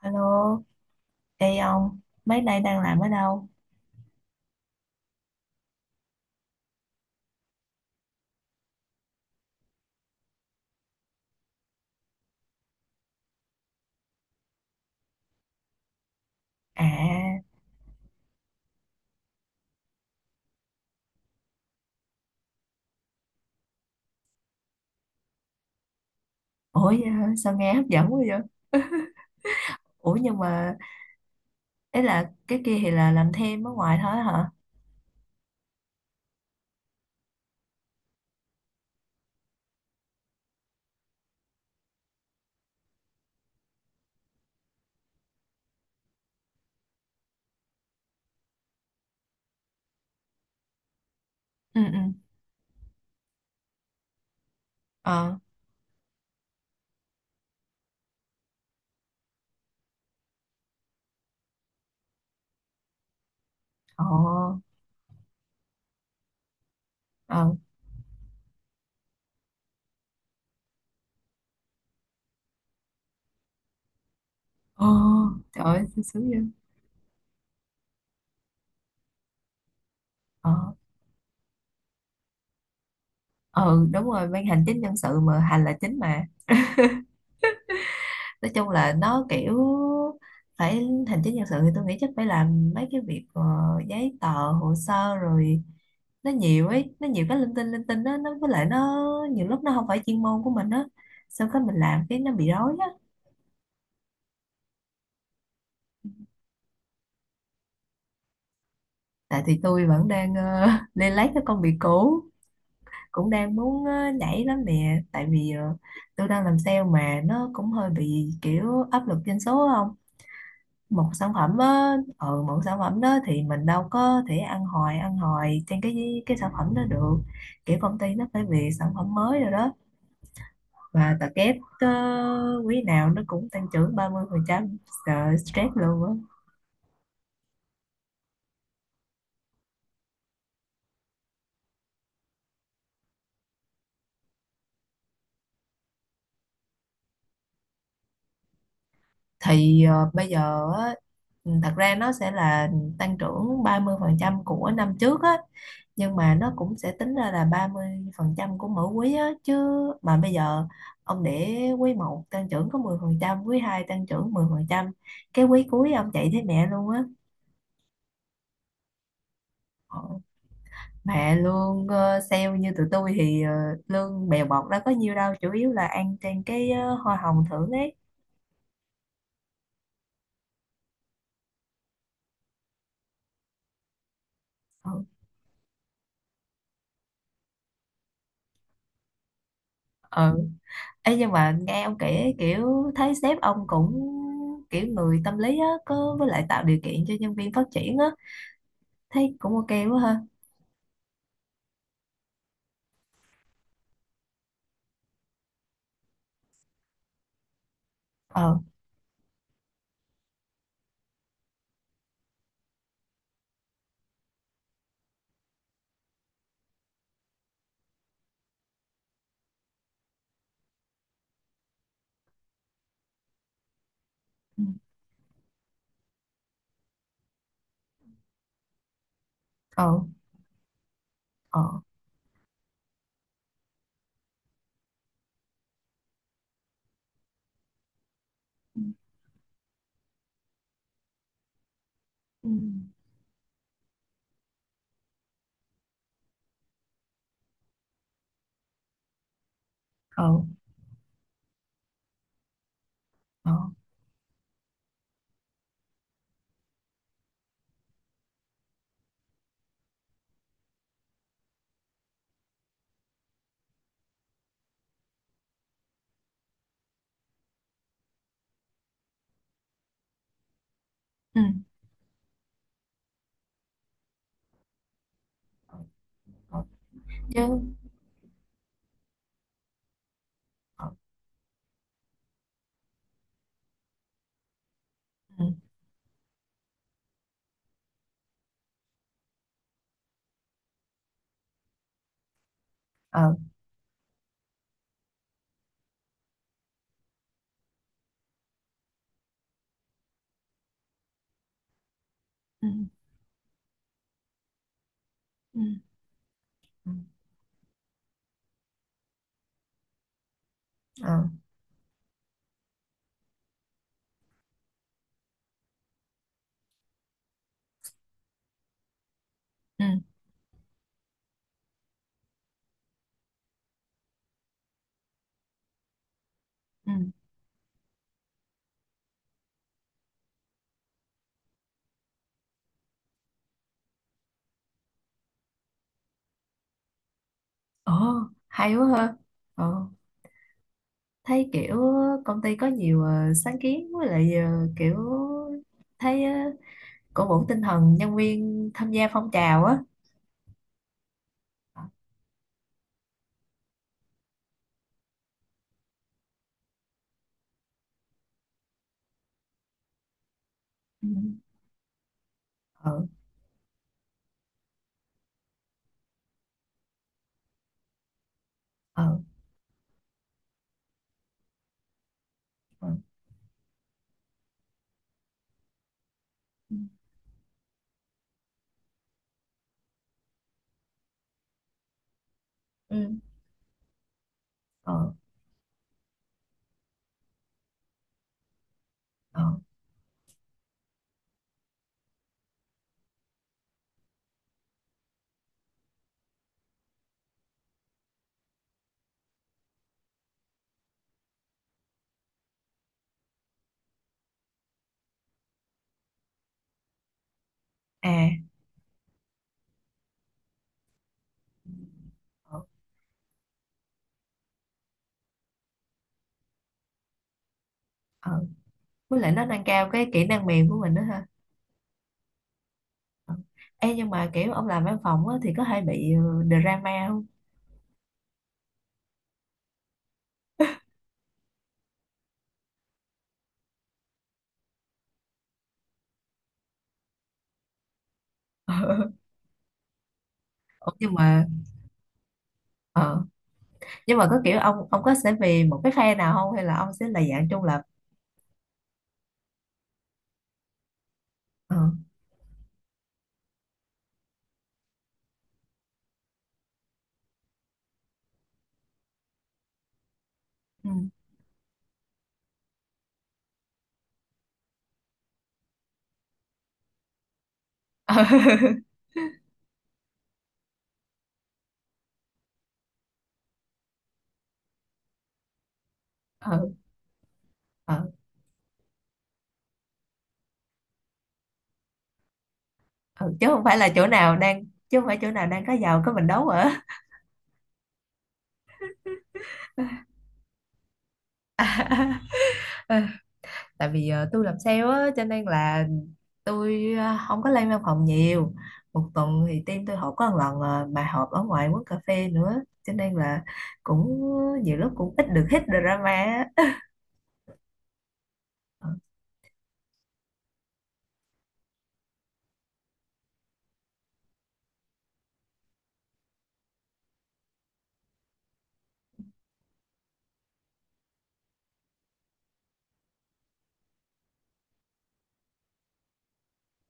Alo, ê ông, mấy nay đang làm ở đâu? À, ủa vậy hả? Sao nghe hấp dẫn quá vậy? Ủa nhưng mà, ấy là cái kia thì là làm thêm ở ngoài thôi hả? Ừ, ừ, ờ, ồ, ờ, ồ, trời ơi, sướng sướng vậy? Ờ, ừ, đúng rồi, ban hành chính nhân sự mà hành là chính mà. Nói chung là nó kiểu phải hành chính nhân sự thì tôi nghĩ chắc phải làm mấy cái việc giấy tờ hồ sơ rồi nó nhiều ấy nó nhiều cái linh tinh đó nó với lại nó nhiều lúc nó không phải chuyên môn của mình á, sao cái mình làm cái nó bị rối á. Tại thì tôi vẫn đang lên lấy cái công việc cũ, cũng đang muốn nhảy lắm nè tại vì tôi đang làm sale mà nó cũng hơi bị kiểu áp lực doanh số, không một sản phẩm á, ừ, một sản phẩm đó thì mình đâu có thể ăn hoài trên cái sản phẩm đó được, kiểu công ty nó phải về sản phẩm mới rồi đó và tập kép quý nào nó cũng tăng trưởng 30% phần trăm, sợ stress luôn á. Thì bây giờ á, ừ, thật ra nó sẽ là tăng trưởng 30% của năm trước á, nhưng mà nó cũng sẽ tính ra là 30% của mỗi quý á chứ. Mà bây giờ ông để quý một tăng trưởng có 10%, quý 2 tăng trưởng 10%, cái quý cuối ông chạy thấy mẹ luôn á. Ờ, mà lương sale như tụi tôi thì lương bèo bọt đó có nhiêu đâu, chủ yếu là ăn trên cái hoa hồng thưởng ấy. Ừ. Ừ. Ê, nhưng mà nghe ông kể kiểu thấy sếp ông cũng kiểu người tâm lý á, có với lại tạo điều kiện cho nhân viên phát triển á, thấy cũng ok quá ha. Ờ. Ừ. Ờ. Ờ. Ừ. Ừ. Ờ. Ờ. Ừ. Ờ, chứ. Ờ. Ừ, ờ. ừ, ừ. Ừ. Ờ. Ừ. Ừ. Ờ, hay quá ha. Ờ, thấy kiểu công ty có nhiều sáng kiến với lại ờ, kiểu thấy ờ, cổ vũ tinh thần nhân viên tham gia phong trào á. Ờ. Ừ. Ở. Ở. Ờ. Ừ. Ở. Ở. À. Ở. Ở, với lại nó nâng cao cái kỹ năng mềm của mình đó ha. Ờ. Ê, nhưng mà kiểu ông làm văn phòng á, thì có hay bị drama không? Ờ, nhưng mà ờ, nhưng mà có kiểu ông có sẽ về một cái phe nào không hay là ông sẽ là dạng trung lập? Ờ. Ừ. Ờ. Ờ. Ờ. Ừ, chứ không phải là chỗ nào đang, chứ không phải chỗ nào đang có giàu có mình đấu hả? Ờ, tại vì tôi làm sale á, cho nên là tôi à, không có lên văn phòng nhiều, một tuần thì team tôi họp có một lần à, mà họp ở ngoài quán cà phê nữa, cho nên là cũng nhiều lúc cũng ít được hít drama á.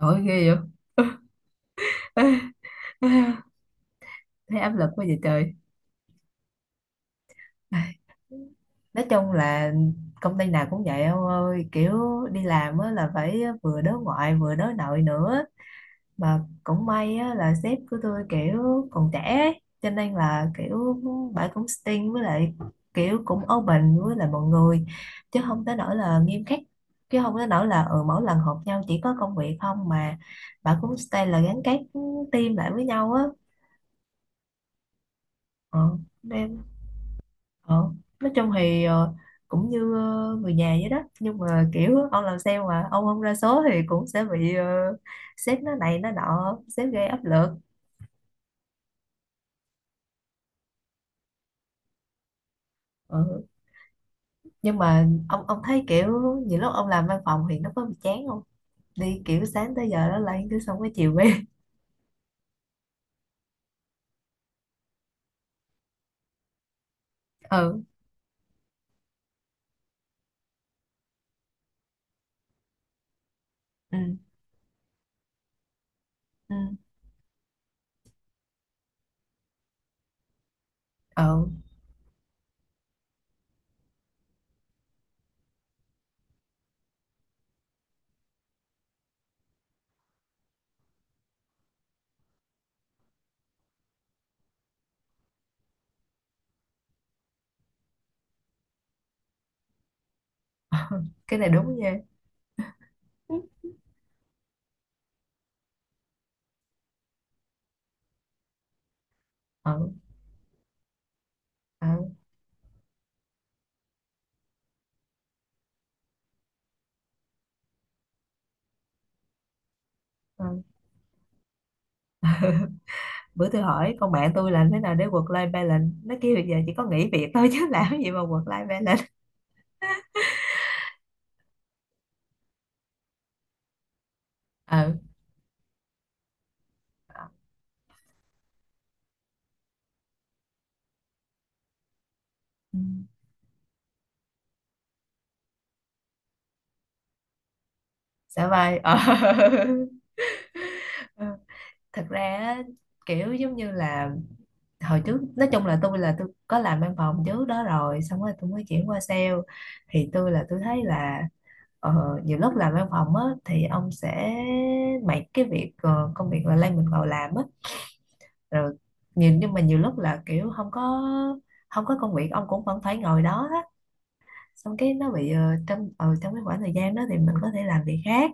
Ôi ghê vậy. Thấy áp lực quá vậy trời. Ai, nói chung là công ty nào cũng vậy ông ơi, kiểu đi làm á là phải vừa đối ngoại vừa đối nội nữa, mà cũng may á, là sếp của tôi kiểu còn trẻ ấy. Cho nên là kiểu bà cũng sting với lại kiểu cũng open với lại mọi người, chứ không tới nỗi là nghiêm khắc, chứ không tới nỗi là ừ, mỗi lần họp nhau chỉ có công việc không, mà bà cũng stay là gắn kết team lại với nhau á. Ờ, nên ờ. Nói chung thì cũng như ờ, người nhà vậy đó, nhưng mà kiểu ông làm sale mà ông không ra số thì cũng sẽ bị sếp nó này nó nọ, sếp gây áp lực. Ừ. Nhưng mà ông thấy kiểu nhiều lúc ông làm văn phòng thì nó có bị chán không? Đi kiểu sáng tới giờ đó lại cứ xong cái chiều về. Ừ. Ừ. Ừ. Ừ. Cái này đúng nha. Ừ. Ừ. Ừ. Bữa tôi hỏi con bạn tôi làm thế nào để work life balance, nó kêu bây giờ chỉ có nghỉ việc thôi chứ làm cái gì mà work life balance. Ừ. Ừ. Xả vai ờ. Ừ. Thật ra á, kiểu giống như là hồi trước nói chung là tôi có làm văn phòng trước đó rồi, xong rồi tôi mới chuyển qua sale, thì tôi thấy là nhiều lúc làm văn phòng á thì ông sẽ mấy cái việc công việc là lay mình vào làm á, rồi nhìn nhưng mà nhiều lúc là kiểu không có, không có công việc ông cũng vẫn phải ngồi đó á, xong cái nó bị trong ờ, trong cái khoảng thời gian đó thì mình có thể làm việc khác.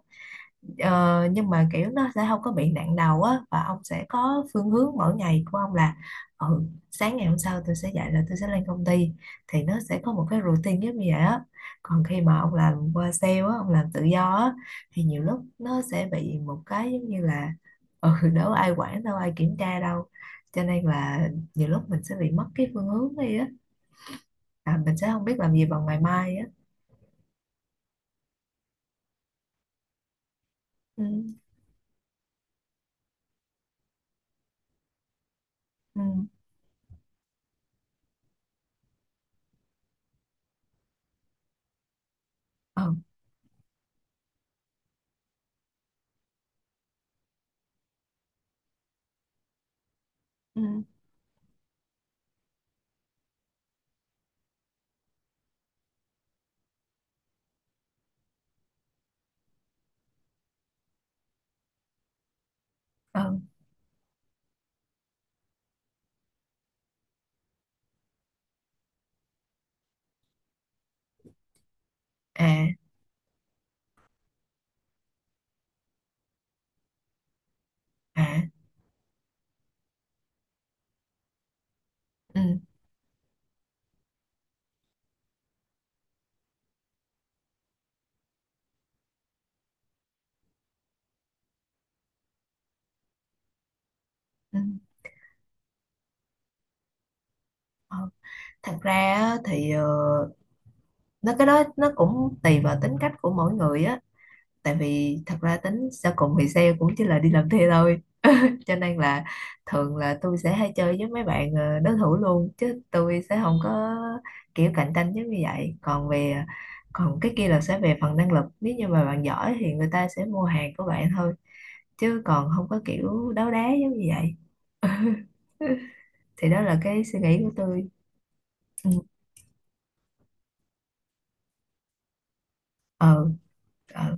Ờ, nhưng mà kiểu nó sẽ không có bị nặng đầu á, và ông sẽ có phương hướng mỗi ngày của ông là ừ, sáng ngày hôm sau tôi sẽ dậy là tôi sẽ lên công ty, thì nó sẽ có một cái routine giống như vậy á. Còn khi mà ông làm qua sale á, ông làm tự do á, thì nhiều lúc nó sẽ bị một cái giống như là ừ, đâu ai quản đâu ai kiểm tra đâu, cho nên là nhiều lúc mình sẽ bị mất cái phương hướng đi á, à, mình sẽ không biết làm gì vào ngày mai á. Ừ. Ừ. Ừ. Ừ. Ừ. À. À. Ừ. Ừ. Ờ, thật ra á, thì ờ, nó cái đó nó cũng tùy vào tính cách của mỗi người á, tại vì thật ra tính sau cùng thì sale cũng chỉ là đi làm thuê thôi, cho nên là thường là tôi sẽ hay chơi với mấy bạn đối thủ luôn, chứ tôi sẽ không có kiểu cạnh tranh giống như vậy. Còn về ờ, còn cái kia là sẽ về phần năng lực, nếu như mà bạn giỏi thì người ta sẽ mua hàng của bạn thôi, chứ còn không có kiểu đấu đá giống như vậy. Thì đó là cái suy nghĩ của tôi. Ừ. Ờ. Ờ.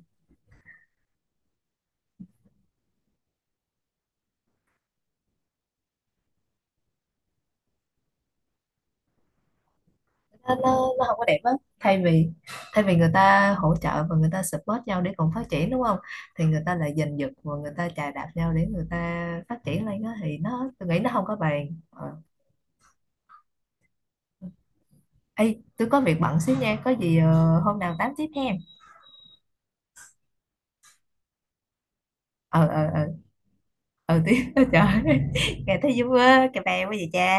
Nó, nó không có đẹp á, thay vì, thay vì người ta hỗ trợ và người ta support nhau để cùng phát triển đúng không, thì người ta lại giành giật và người ta chà đạp nhau để người ta phát triển lên, đó thì nó tôi nghĩ nó không có bền ờ. Ê, tôi có việc bận xíu nha, có gì ờ, hôm nào tám tiếp em. Ờ ờ ờ, ờ tiếp. Trời ơi, nghe thấy vui quá, cà bè quá vậy cha.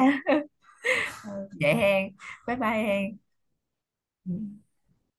Ờ, vậy hen, bye bye hen. Ừ.